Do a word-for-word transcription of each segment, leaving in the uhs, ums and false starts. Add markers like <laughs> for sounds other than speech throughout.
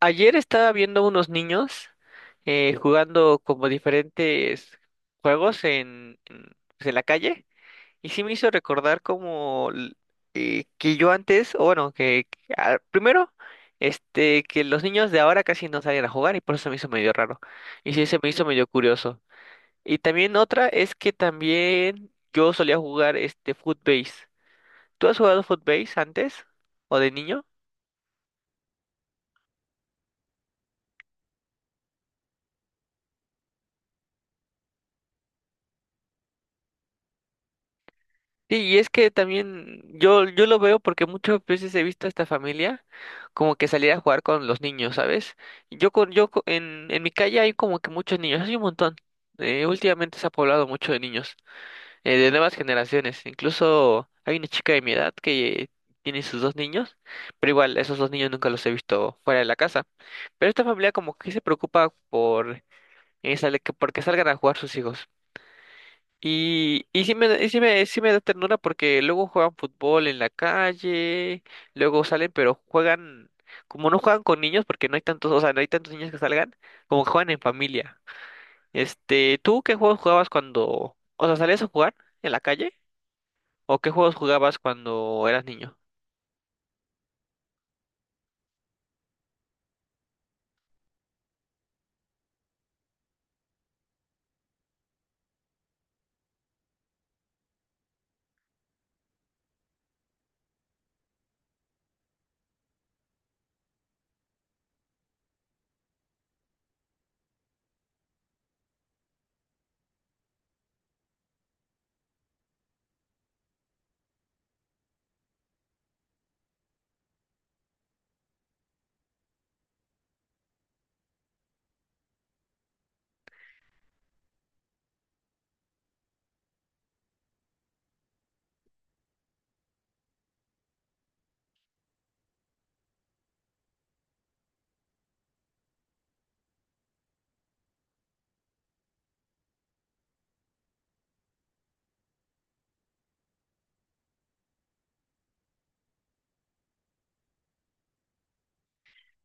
Ayer estaba viendo unos niños eh, jugando como diferentes juegos en, en, pues, en la calle y sí me hizo recordar como l- eh, que yo antes, o bueno, que que, ah, primero, este, que los niños de ahora casi no salen a jugar y por eso se me hizo medio raro y sí se me hizo medio curioso. Y también otra es que también yo solía jugar este Footbase. ¿Tú has jugado Footbase antes o de niño? Sí, y es que también yo, yo lo veo porque muchas veces he visto a esta familia como que salir a jugar con los niños, ¿sabes? Yo con, yo co- en, en mi calle hay como que muchos niños, hay un montón. Eh, últimamente se ha poblado mucho de niños, eh, de nuevas generaciones. Incluso hay una chica de mi edad que tiene sus dos niños, pero igual esos dos niños nunca los he visto fuera de la casa. Pero esta familia como que se preocupa por, eh, sale- que- porque salgan a jugar sus hijos. Y, y sí me, da- y sí me, sí me da ternura porque luego juegan fútbol en la calle, luego salen, pero juegan, como no juegan con niños, porque no hay tantos, o sea, no hay tantos niños que salgan, como que juegan en familia. Este, ¿tú qué juegos jugabas cuando, o sea, salías a jugar en la calle? ¿O qué juegos jugabas cuando eras niño?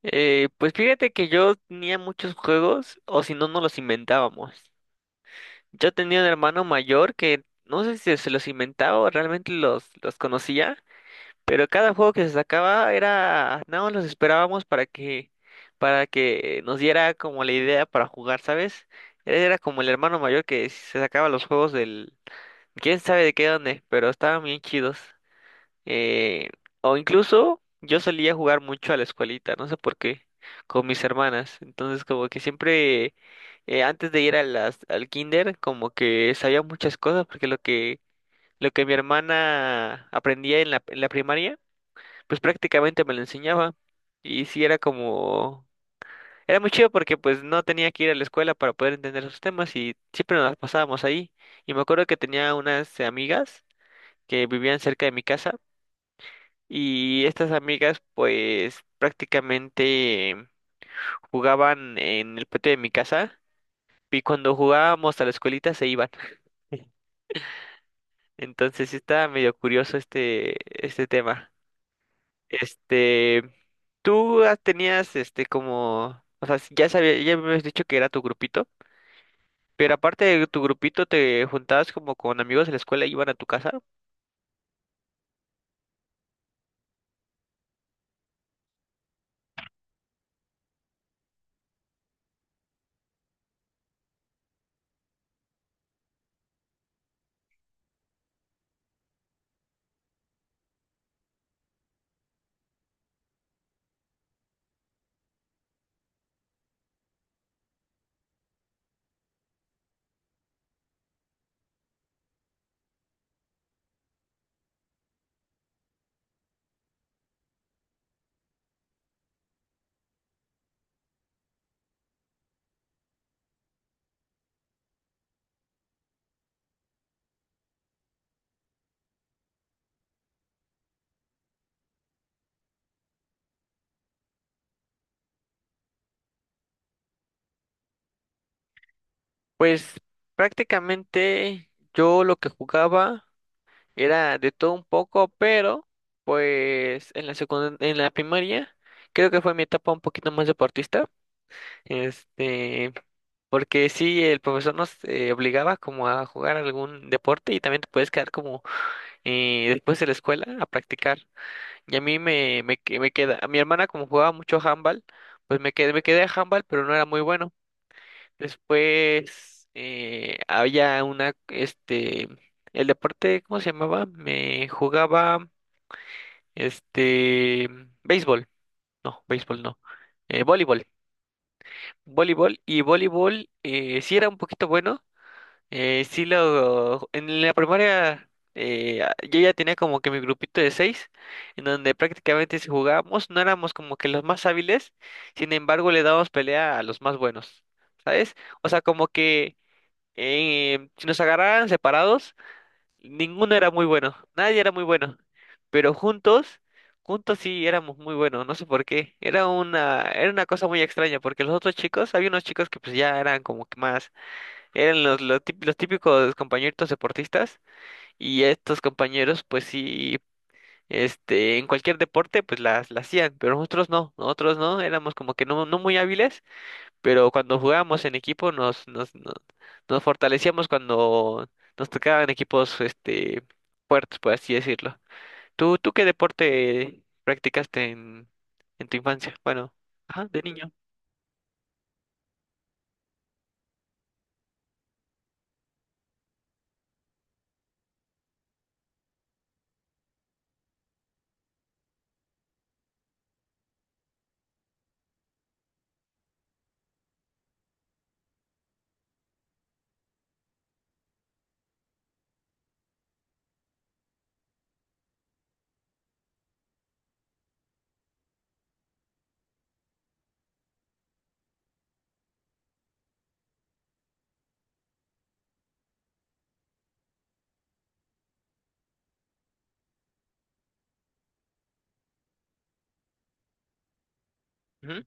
Eh, pues fíjate que yo tenía muchos juegos, o si no, nos los inventábamos. Yo tenía un hermano mayor que no sé si se los inventaba o realmente los, los conocía. Pero cada juego que se sacaba era, nada más los esperábamos para que, para que nos diera como la idea para jugar, ¿sabes? Él era como el hermano mayor que se sacaba los juegos del, quién sabe de qué dónde, pero estaban bien chidos. Eh, o incluso yo solía jugar mucho a la escuelita, no sé por qué, con mis hermanas. Entonces como que siempre, eh, antes de ir a las, al kinder, como que sabía muchas cosas, porque lo que, lo que mi hermana aprendía en la, en la primaria, pues prácticamente me lo enseñaba y sí era como, era muy chido porque pues no tenía que ir a la escuela para poder entender esos temas y siempre nos las pasábamos ahí. Y me acuerdo que tenía unas amigas que vivían cerca de mi casa y estas amigas pues prácticamente jugaban en el patio de mi casa y cuando jugábamos a la escuelita se iban. <laughs> Entonces sí estaba medio curioso este, este tema. Este, tú has- tenías este como, o sea, ya sabía, ya me habías dicho que era tu grupito, pero aparte de tu grupito te juntabas como con amigos de la escuela y iban a tu casa. Pues prácticamente yo lo que jugaba era de todo un poco, pero pues en la secund- en la primaria creo que fue mi etapa un poquito más deportista, este, porque sí el profesor nos eh, obligaba como a jugar algún deporte y también te puedes quedar como eh, después de la escuela a practicar. Y a mí me, me, que- me queda, a mi hermana como jugaba mucho handball, pues me quedé, me quedé a handball, pero no era muy bueno. Después eh, había una, este, el deporte, ¿cómo se llamaba? Me jugaba, este, béisbol, no, béisbol no, eh, voleibol, voleibol y voleibol eh, sí era un poquito bueno. Eh, sí, lo, en la primaria eh, a- yo ya tenía como que mi grupito de seis, en donde prácticamente si jugábamos no éramos como que los más hábiles, sin embargo le dábamos pelea a los más buenos, ¿sabes? O sea, como que eh, si nos agarraran separados, ninguno era muy bueno, nadie era muy bueno, pero juntos, juntos sí éramos muy buenos, no sé por qué, era una, era una cosa muy extraña, porque los otros chicos, había unos chicos que pues ya eran como que más, eran los, los, tip- los típicos compañeritos deportistas y estos compañeros pues sí, este, en cualquier deporte pues las, las hacían, pero nosotros no, nosotros no, éramos como que no, no muy hábiles, pero cuando jugábamos en equipo nos, nos, nos, nos fortalecíamos cuando nos tocaban equipos este, fuertes, por así decirlo. ¿Tú, tú qué deporte practicaste en, en tu infancia? Bueno, ajá, de niño. Ujú.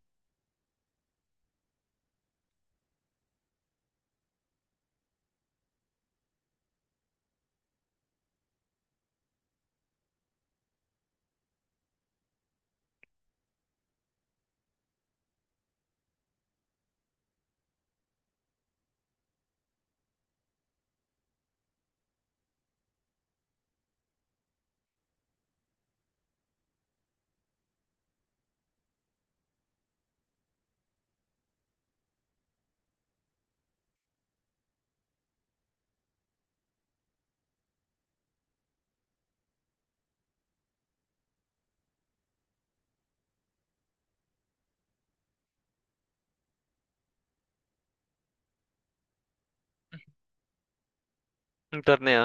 Un torneo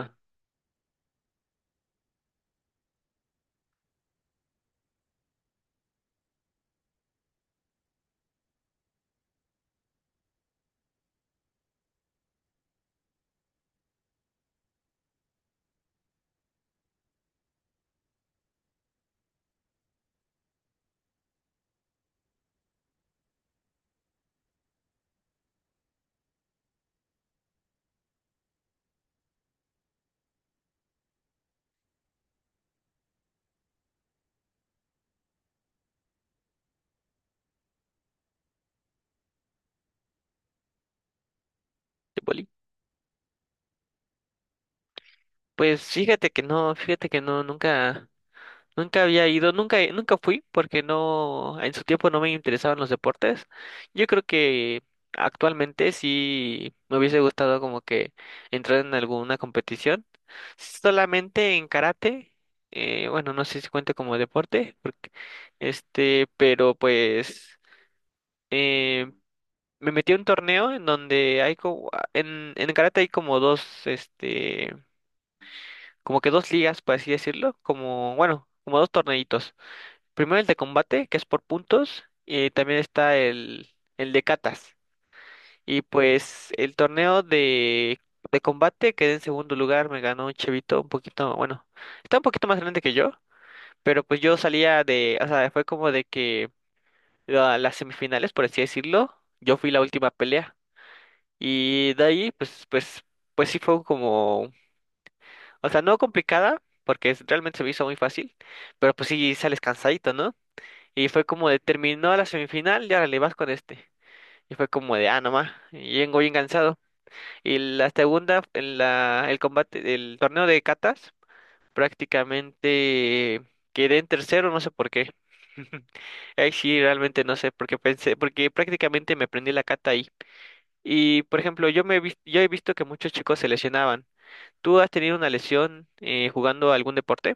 de boli. Pues fíjate que no, fíjate que no, nunca. Nunca había ido, nunca, nunca fui porque no, en su tiempo no me interesaban los deportes. Yo creo que actualmente sí me hubiese gustado como que entrar en alguna competición. Solamente en karate, eh, bueno, no sé si cuenta como deporte, porque, este, pero pues eh, me metí a un torneo en donde hay como, en, en karate hay como dos, este, como que dos ligas, por así decirlo, como, bueno, como dos torneitos. Primero el de combate, que es por puntos, y también está el, el de catas. Y pues el torneo de, de combate quedé en segundo lugar, me ganó un chavito un poquito, bueno, está un poquito más grande que yo, pero pues yo salía de, o sea, fue como de que la- las semifinales, por así decirlo, yo fui la última pelea. Y de ahí, pues, pues, pues sí fue como, o sea, no complicada, porque es- realmente se me hizo muy fácil, pero pues sí sales cansadito, ¿no? Y fue como de terminó la semifinal y ahora le vas con este. Y fue como de, ah, nomás, y vengo bien cansado. Y la segunda, en la, el combate, el torneo de catas, prácticamente quedé en tercero, no sé por qué. <laughs> Ahí sí, realmente no sé, porque pensé, porque prácticamente me aprendí la cata ahí. Y, por ejemplo, yo me he vis- yo he visto que muchos chicos se lesionaban. ¿Tú has tenido una lesión eh, jugando algún deporte?